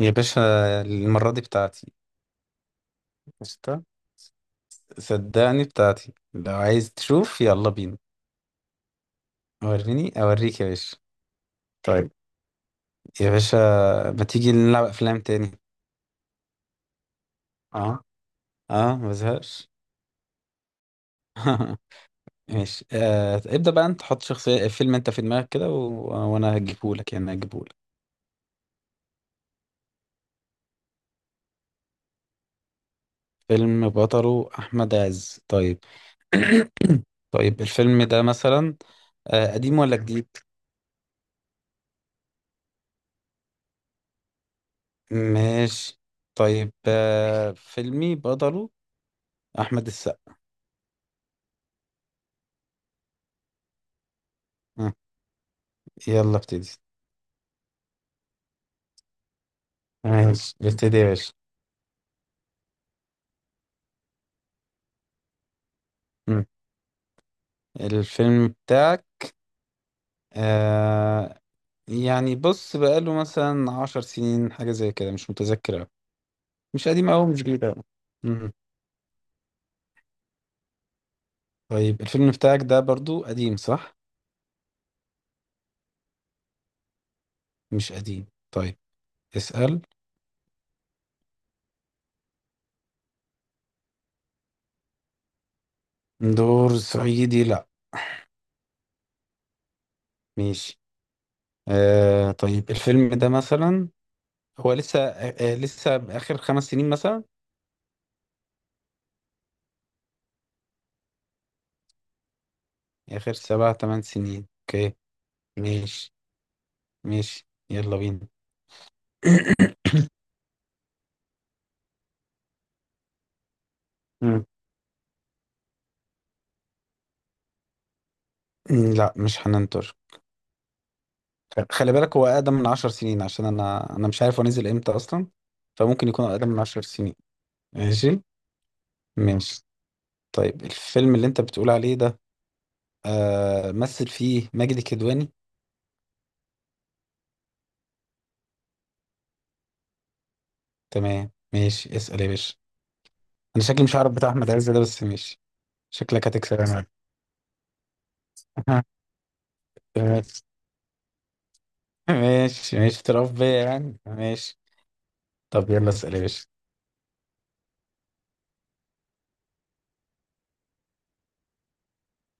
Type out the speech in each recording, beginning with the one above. يا باشا، المرة دي بتاعتي. قشطة، صدقني بتاعتي. لو عايز تشوف يلا بينا. وريني أوريك يا باشا. طيب يا باشا، ما تيجي نلعب أفلام تاني. اه، اه ما بزهقش. ماشي، آه ابدأ بقى. انت حط شخصية فيلم انت في دماغك كده وانا هجيبهولك، يعني هجيبهولك. فيلم بطله أحمد عز، طيب. طيب الفيلم ده مثلا آه قديم ولا جديد؟ ماشي طيب، آه فيلمي بطله احمد السقا. آه. يلا ابتدي. ماشي ابتدي يا باشا. مم. الفيلم بتاعك آه يعني بص بقاله مثلا عشر سنين، حاجة زي كده، مش متذكر أوي. مش قديم أوي مش جديد أوي. مم. طيب الفيلم بتاعك ده برضو قديم صح؟ مش قديم طيب. اسأل. دور صعيدي، لا. ماشي. آه طيب الفيلم ده مثلا هو لسه لسه آخر خمس سنين مثلا. آخر سبع تمن سنين، اوكي. ماشي ماشي، يلا بينا. مم. مم، لا مش حنان ترك. خلي بالك، هو أقدم من عشر سنين، عشان أنا مش عارف هو نزل إمتى أصلا. فممكن يكون أقدم من عشر سنين. ماشي ماشي. طيب الفيلم اللي أنت بتقول عليه ده، آه مثل فيه ماجد الكدواني. تمام، ماشي، اسأل يا باشا. أنا شكلي مش عارف بتاع أحمد عز ده بس ماشي. شكلك هتكسب يا معلم. ماشي ماشي ماشي، تراب بيا يعني، ماشي. طب يلا اسأل يا باشا.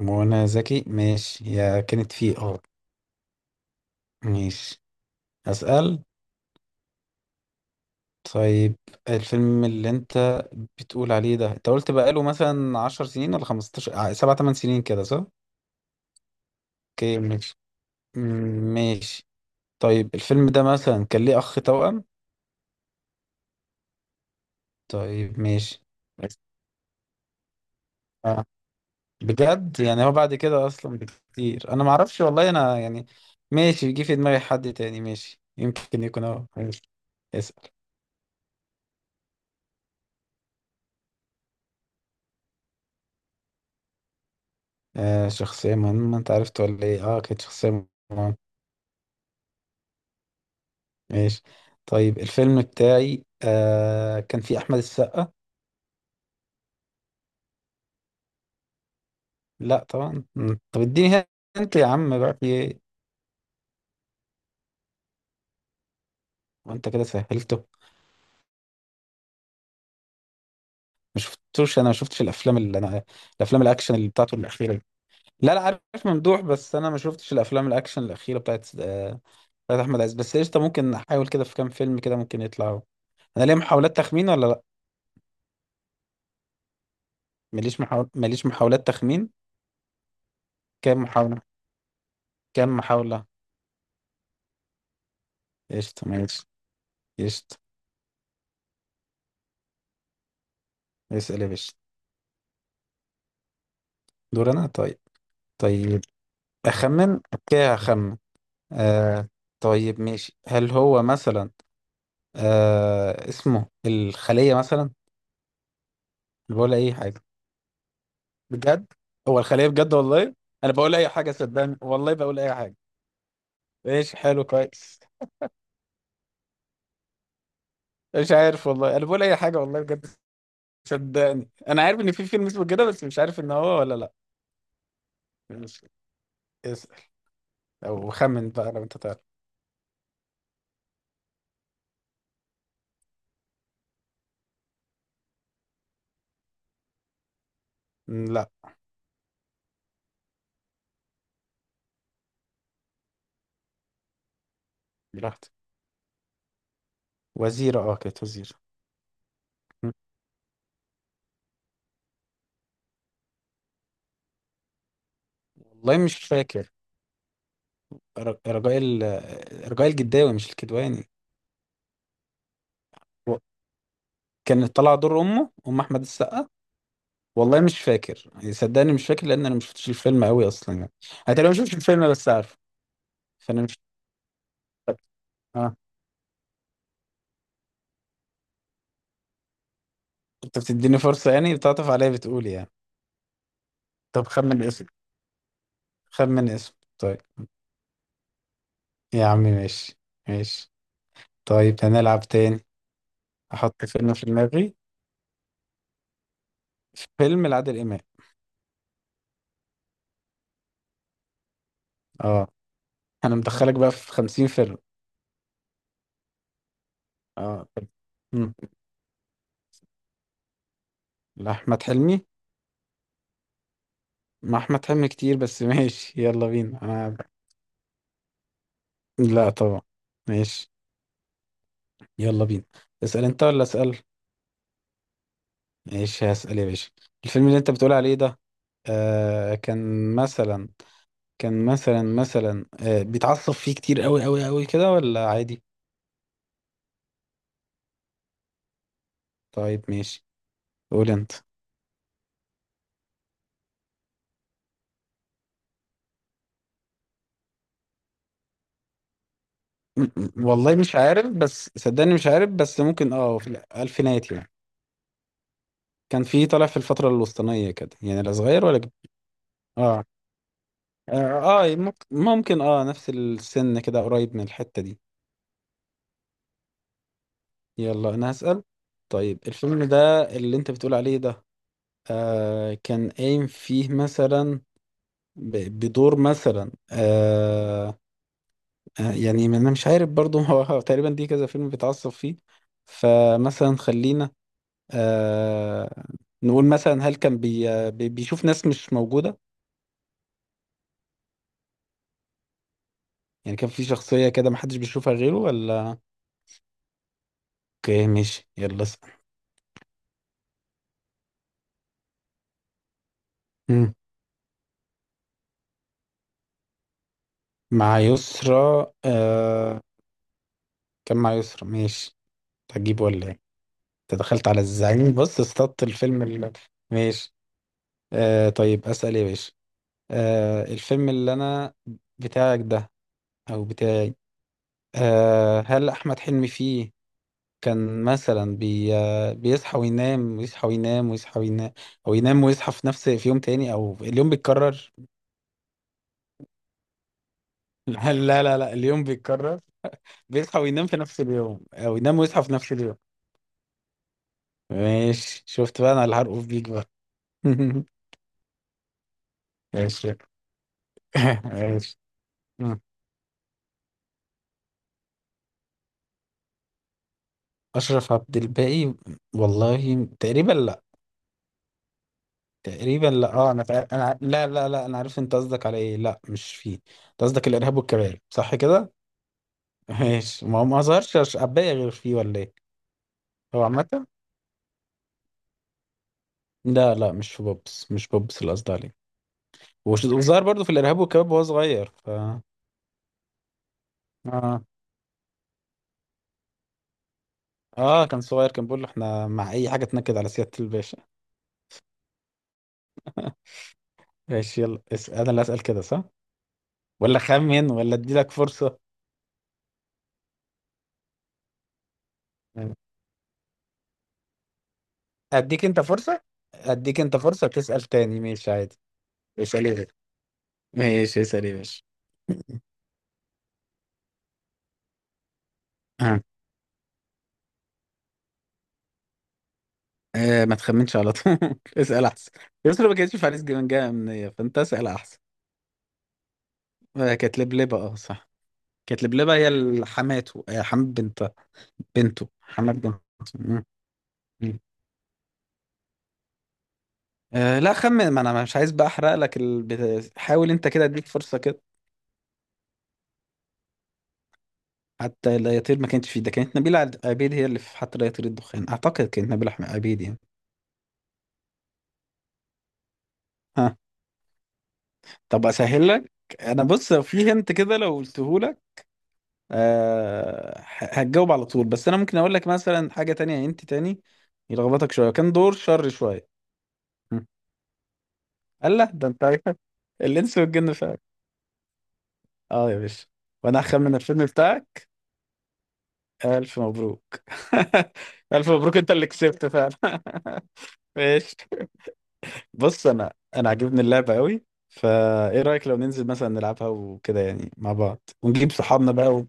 منى زكي، ماشي، يا كانت فيه اه. ماشي. أسأل. طيب الفيلم اللي انت بتقول عليه ده، انت قلت بقاله مثلا عشر سنين ولا خمستاشر سبعة تمن سنين كده صح؟ اوكي ماشي. مم، ماشي. طيب الفيلم ده مثلا كان ليه أخ توأم؟ طيب ماشي. بس. آه. بجد يعني هو بعد كده أصلا بكتير أنا معرفش، والله أنا يعني. ماشي، جه في دماغي حد تاني، ماشي يمكن يكون هو، ماشي. اسأل. آه شخصية مهمة، أنت عرفت ولا إيه؟ أه كانت شخصية مهمة. ماشي. طيب الفيلم بتاعي آه كان فيه أحمد السقا. لا طبعا. مم. طب اديني. انت يا عم بقى في ايه؟ وانت كده سهلته. ما شفتوش، انا ما شفتش الافلام الاكشن اللي بتاعته الاخيره دي. لا لا عارف. ممدوح، بس انا ما شفتش الافلام الاكشن الاخيره بتاعت بتاعت احمد عز. بس قشطه، ممكن احاول كده في كام فيلم كده، ممكن يطلعوا. انا ليا محاولات تخمين ولا لا؟ ماليش محاولات تخمين. كام محاوله؟ كام محاوله؟ قشطه ماشي. قشطه. اسال يا باشا. دور انا طيب. طيب أخمن، أوكي أخمن. آه طيب ماشي، هل هو مثلا آه اسمه الخلية مثلا؟ أنا بقول أي حاجة. بجد، هو الخلية بجد والله؟ أنا بقول أي حاجة صدقني، والله بقول أي حاجة. ماشي حلو كويس. مش عارف والله، أنا بقول أي حاجة والله بجد. صدقني أنا عارف إن في فيلم اسمه كده بس مش عارف إن هو ولا لأ. ماشي، اسأل. أو خمن بقى لو أنت تعرف. م، لأ. براحتك. وزيرة، أه كانت وزيرة. م، والله مش فاكر. ر- رجاء ال... رجاء الجداوي مش الكدواني. و- كان طلع دور امه، ام احمد السقا. والله مش فاكر يعني، صدقني مش فاكر، لان انا مش شفتش الفيلم قوي اصلا يعني. انا تقريبا ما شفتش الفيلم بس عارف. فانا مش فاكر. اه، انت بتديني فرصه يعني، بتعطف عليا، بتقول يعني. طب خمن اسم، خمن اسم طيب. يا عم ماشي ماشي. طيب هنلعب تاني. احط فيلم في دماغي. فيلم لعادل امام. اه انا مدخلك بقى في 50 فيلم. اه طب. مم. لأحمد حلمي. مع احمد حلمي كتير بس ماشي يلا بينا انا. لا طبعا. ماشي يلا بينا، اسأل انت ولا اسأل؟ ماشي هسأل يا باشا. الفيلم اللي انت بتقول عليه ده، آه كان مثلا، كان مثلا آه بيتعصب فيه كتير قوي قوي قوي كده ولا عادي؟ طيب ماشي. قول انت. والله مش عارف، بس صدقني مش عارف، بس ممكن اه في الألفينات يعني. كان فيه طالع في الفترة الوسطانية كده يعني، لا صغير ولا كبير. اه اه. آه، ممكن ممكن اه نفس السن كده، قريب من الحتة دي. يلا انا هسأل. طيب الفيلم ده اللي انت بتقول عليه ده، آه كان قايم فيه مثلا بدور مثلا آه آه، يعني ما انا مش عارف برضو هو تقريبا دي كذا فيلم بيتعصب فيه. فمثلا خلينا آه نقول مثلا هل كان بيشوف ناس مش موجودة؟ يعني كان في شخصية كده محدش بيشوفها غيره ولا؟ اوكي ماشي، يلا اسأل. مع يسرا. آه، كان مع يسرا، ماشي. تجيب ولا ايه؟ انت دخلت على الزعيم، بص اصطدت الفيلم اللي... ماشي. آه، طيب اسأل إيه يا باشا. آه، الفيلم اللي انا بتاعك ده، او بتاعي، آه، هل احمد حلمي فيه كان مثلا بي... آه، بيصحى وينام، ويصحى وينام، ويصحى وينام، او ينام ويصحى في نفس في يوم تاني، او اليوم بيتكرر؟ لا لا لا، اليوم بيتكرر. بيصحى وينام في نفس اليوم، او ينام ويصحى في نفس اليوم. ماشي، شفت بقى انا اللي هرقف بيك بقى. ماشي. ماشي. مم. اشرف عبد الباقي؟ والله تقريبا لا. تقريبا لا، اه انا لا لا لا، انا عارف انت قصدك على ايه، لا مش فيه. انت قصدك الارهاب والكباب صح كده؟ ماشي، ما هو ما ظهرش عباية غير فيه ولا ايه؟ هو عامة لا لا، مش في بوبس، مش بوبس اللي قصدي عليه. وظهر برضه في الارهاب والكباب وهو صغير ف. اه اه كان صغير، كان بيقول له احنا مع اي حاجه تنكد على سياده الباشا. ماشي يلا انا اللي اسال كده صح ولا خمن ولا ادي لك فرصه؟ اديك انت فرصه، اديك انت فرصه تسال تاني، ماشي عادي. اسال ايه ماشي، اسال ايه ماشي. آه. آه ما تخمنش على طول اسال احسن. يسرا ما كانتش في عريس جبان جايه منيا، فانت اسال احسن. آه كانت لبلبه اه صح. كانت لبلبه، هي حماته. آه حماد بنت، بنته، حماد بنته. مم. مم. آه لا خمن، ما انا مش عايز بقى احرق لك حاول انت كده اديك فرصه كده. حتى الأياطير ما كانتش فيه، ده كانت نبيلة عبيد هي اللي في حتى الأياطير الدخان. أعتقد كانت نبيلة أحمد عبيد يعني. ها؟ طب أسهل لك. أنا بص في هنت كده لو قلته لك أه هتجاوب على طول، بس أنا ممكن أقول لك مثلا حاجة تانية هنت تاني يلخبطك شوية، كان دور شر شوية. هم. الله ده أنت عارف. الإنس والجن فعلا. أه يا باشا. وأنا هخمن الفيلم بتاعك. ألف مبروك. ألف مبروك، أنت اللي كسبت فعلا. ماشي. بص انا عاجبني اللعبه قوي. فايه رايك لو ننزل مثلا نلعبها وكده يعني مع بعض، ونجيب صحابنا بقى؟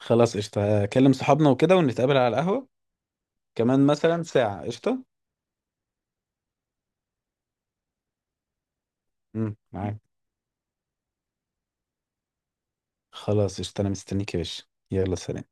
وخلاص قشطه، اكلم صحابنا وكده، ونتقابل على القهوه كمان مثلا ساعه، قشطه. معاك. خلاص قشطه، انا مستنيك يا باشا. يلا سلام.